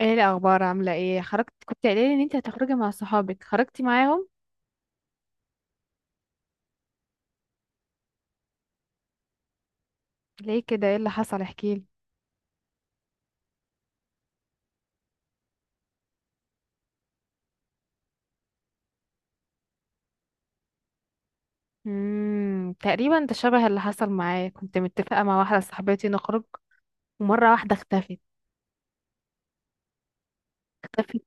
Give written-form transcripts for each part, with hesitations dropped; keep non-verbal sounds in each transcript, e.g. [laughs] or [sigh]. ايه الاخبار، عامله ايه؟ خرجت؟ كنت قايله لي ان انت هتخرجي مع صحابك، خرجتي معاهم؟ ليه كده؟ ايه اللي حصل؟ احكي لي. تقريبا ده شبه اللي حصل معايا. كنت متفقه مع واحده صاحبتي نخرج، ومره واحده اختفت. اختفت.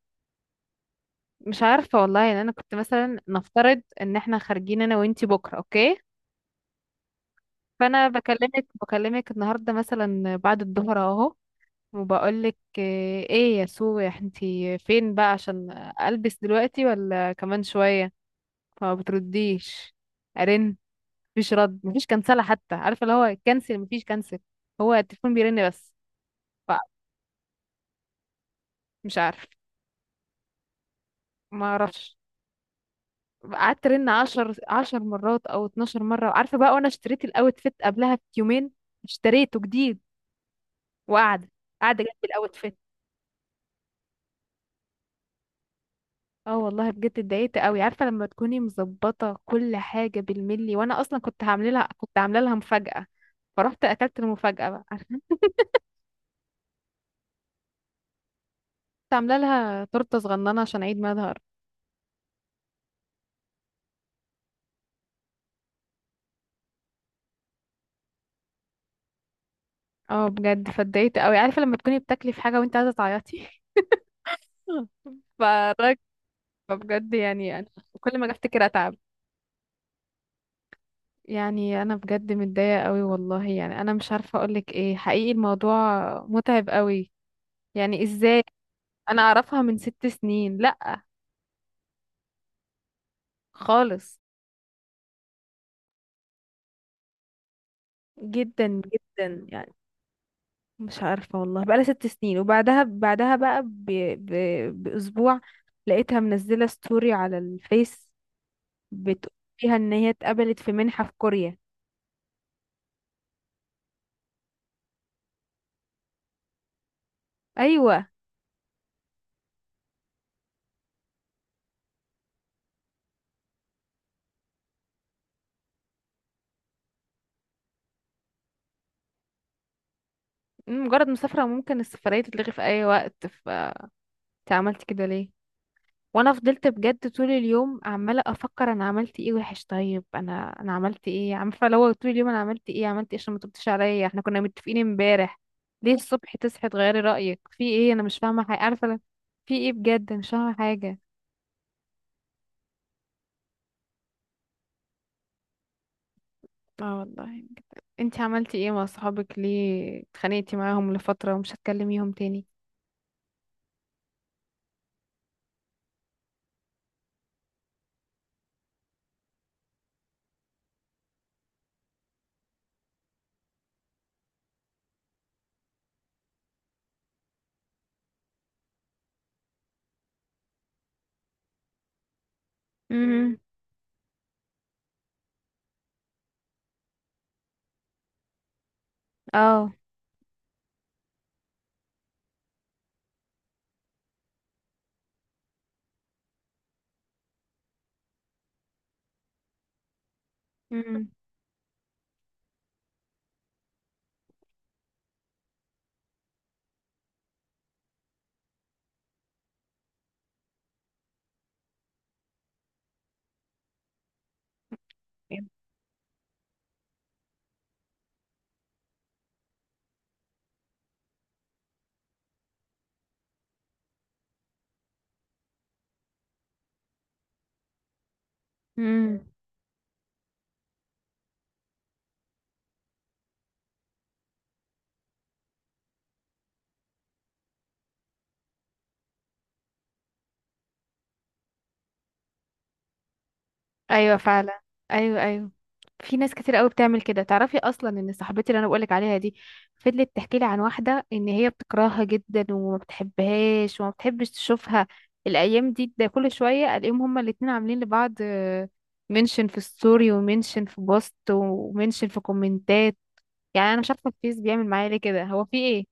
مش عارفه والله. يعني انا كنت مثلا نفترض ان احنا خارجين انا وانتي بكره، اوكي؟ فانا بكلمك النهارده مثلا بعد الظهر، اهو. وبقولك، ايه يا سو انتي فين بقى؟ عشان البس دلوقتي ولا كمان شويه؟ فما بترديش. ارن. مفيش رد، مفيش كنسله حتى، عارفه اللي هو كنسل؟ مفيش كنسل، هو التليفون بيرن بس. فمش عارف. ما اعرفش. قعدت ارن عشر مرات او 12 مره، عارفه بقى؟ وانا اشتريت الاوت فيت قبلها بيومين، اشتريته جديد، وقاعده قاعده جنب الاوت فيت. اه والله بجد اتضايقت قوي، عارفه لما تكوني مظبطه كل حاجه بالملي؟ وانا اصلا كنت هعمل لها، كنت عامله لها مفاجاه. فرحت اكلت المفاجاه بقى، عارفه؟ كنت عامله لها تورته صغننه عشان عيد ميلادها. اه بجد، فاتضايقت قوي، عارفه لما تكوني بتاكلي في حاجه وانت عايزه تعيطي؟ [laughs] فراك. فبجد يعني انا، كل ما اجي افتكر اتعب. يعني انا بجد متضايقه قوي والله، يعني انا مش عارفه اقولك ايه حقيقي. الموضوع متعب قوي. يعني ازاي؟ انا اعرفها من 6 سنين. لا. خالص. جدا جدا يعني. مش عارفه والله، بقالها 6 سنين، وبعدها بعدها بقى ب... باسبوع لقيتها منزله ستوري على الفيس، بتقول فيها ان هي اتقبلت في منحه في كوريا. ايوه. مجرد مسافره ممكن السفريه تتلغي في اي وقت، ف انت عملت كده ليه؟ وانا فضلت بجد طول اليوم عماله افكر، انا عملت ايه وحش؟ طيب انا عملت ايه، عارفه؟ لو طول اليوم انا عملت ايه، عملت ايه عشان ما تردش عليا؟ احنا كنا متفقين امبارح. ليه الصبح تصحي تغيري رايك؟ في ايه؟ انا مش فاهمه حاجه، عارفه؟ في ايه بجد؟ مش فاهمه حاجه. اه والله. انت عملتي ايه مع صحابك؟ ليه اتخانقتي معاهم لفتره ومش هتكلميهم تاني؟ امم. اه. امم. ايوه فعلا. ايوه ايوه. في ناس كتير قوي بتعمل كده، تعرفي اصلا ان صاحبتي اللي انا بقولك عليها دي فضلت تحكي لي عن واحده ان هي بتكرهها جدا وما بتحبهاش وما بتحبش تشوفها. الايام دي ده كل شويه الاقيهم هما الاتنين عاملين لبعض منشن في الستوري، ومنشن في بوست، ومنشن في كومنتات. يعني انا مش عارفه الفيس بيعمل معايا ليه كده، هو في ايه؟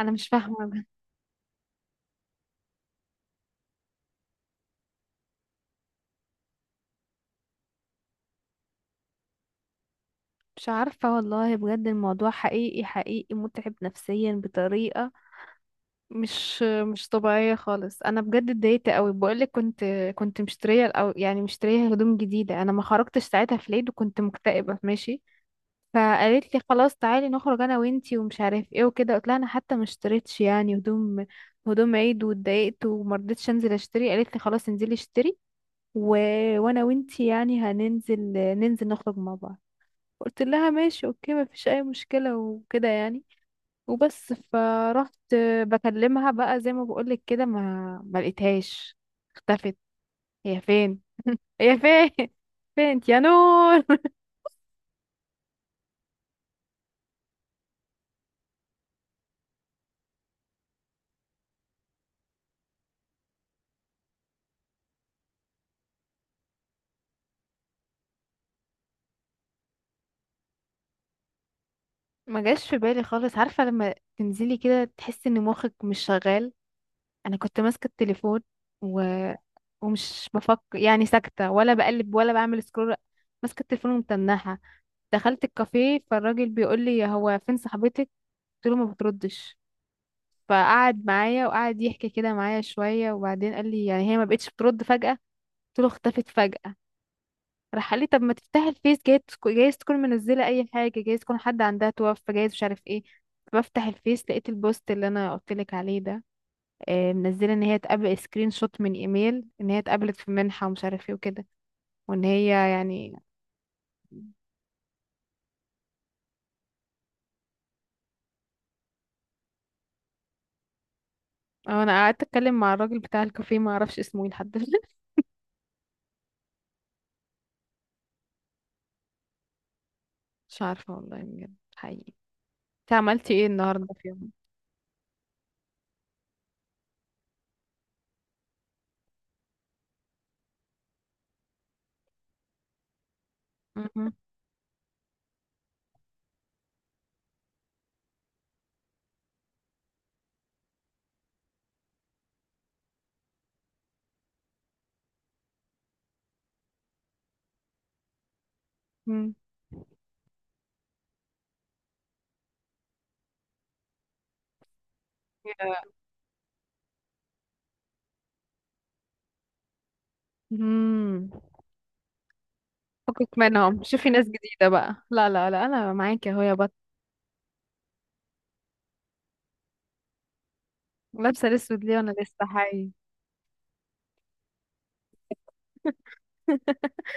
انا مش فاهمه بجد. مش عارفه والله بجد الموضوع حقيقي حقيقي متعب نفسيا بطريقه مش طبيعية خالص. انا بجد اتضايقت قوي، بقولك كنت مشترية، او يعني مشترية هدوم جديدة، انا ما خرجتش ساعتها في العيد وكنت مكتئبة ماشي. فقالت لي خلاص تعالي نخرج انا وانتي ومش عارف ايه وكده. قلت لها انا حتى ما اشتريتش يعني هدوم، هدوم عيد، واتضايقت وما رضيتش انزل اشتري. قالت لي خلاص انزلي اشتري و... وانا وانتي يعني هننزل ننزل نخرج مع بعض. قلت لها ماشي اوكي، ما فيش اي مشكلة وكده يعني. وبس فرحت. بكلمها بقى زي ما بقولك كده ما لقيتهاش. اختفت. هي فين؟ هي فين؟ [laughs] فين انت يا نور؟ ما جاش في بالي خالص، عارفة لما تنزلي كده تحسي ان مخك مش شغال؟ انا كنت ماسكة التليفون و... ومش بفكر يعني، ساكتة، ولا بقلب ولا بعمل سكرول. ماسكة التليفون ومتنحة. دخلت الكافيه فالراجل بيقول لي هو فين صاحبتك؟ قلت له ما بتردش. فقعد معايا وقعد يحكي كده معايا شوية، وبعدين قال لي يعني هي ما بقتش بترد فجأة؟ قلت له اختفت فجأة. راح قال لي طب ما تفتح الفيس، جايز جايز تكون منزلة أي حاجة، جايز تكون حد عندها توفى، جايز مش عارف ايه. بفتح الفيس لقيت البوست اللي انا قلت لك عليه ده، منزله ان هي اتقابل سكرين شوت من ايميل ان هي اتقابلت في منحة ومش عارف ايه وكده، وان هي يعني. اه. انا قعدت اتكلم مع الراجل بتاع الكافيه ما اعرفش اسمه ايه لحد دلوقتي. [laughs] مش عارفه والله بجد حقيقي. انت عملتي ايه النهارده في يوم؟ مهم. مم. امم. فكك منهم، شوفي ناس جديدة بقى. لا لا لا، انا معاكي اهو يا بط. لابسة الاسود ليه وانا لسه حي؟ [laughs]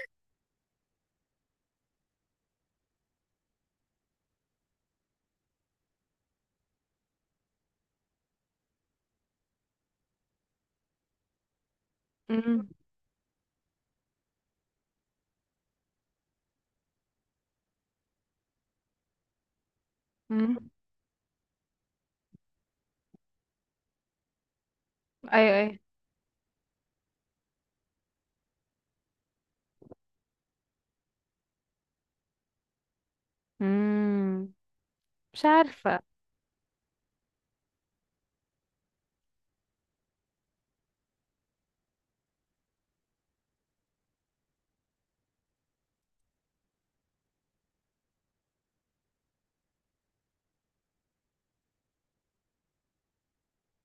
امم. امم. ايوه ايوه. امم. مش عارفة.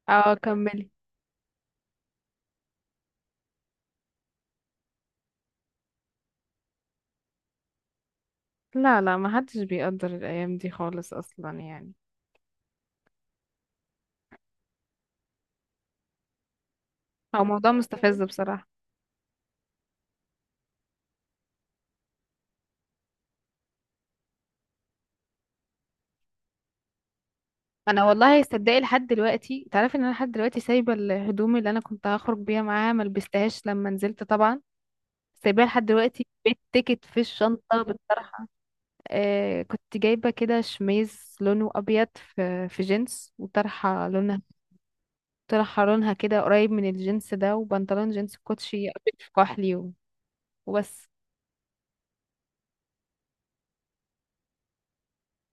اه كملي. لا لا، ما حدش بيقدر الايام دي خالص اصلا يعني. هو موضوع مستفز بصراحة. انا والله صدقي لحد دلوقتي، تعرفي ان انا لحد دلوقتي سايبة الهدوم اللي انا كنت هخرج بيها معاها، ما لبستهاش لما نزلت طبعا. سايباها لحد دلوقتي بالتيكت في الشنطة بالطرحة. آه كنت جايبة كده شميز لونه أبيض في جينز، وطرحة لونها، طرحة لونها كده قريب من الجينز ده، وبنطلون جينز، كوتشي أبيض في كحلي، وبس.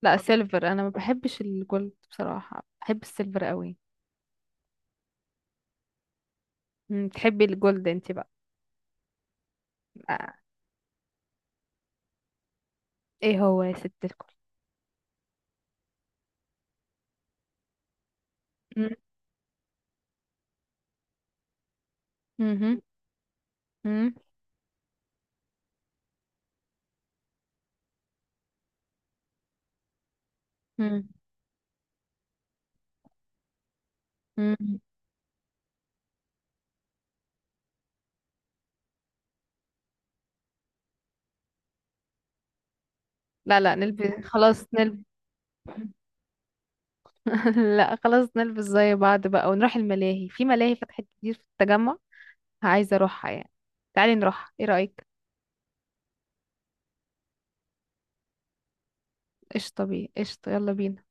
لا، سيلفر، أنا ما بحبش الجولد بصراحة، بحب السيلفر قوي. مم، تحبي الجولد انت بقى. آه. ايه هو يا ست الكل؟ مم، مهم، مم، مم، مم. لا لا نلبس، خلاص نلبس. [laughs] لا خلاص، نلبس زي بعض بقى ونروح الملاهي، في ملاهي فتحت كتير في التجمع، عايزة اروحها يعني. تعالي نروح، ايه رأيك؟ قشطة بيه قشطة، يلا بينا.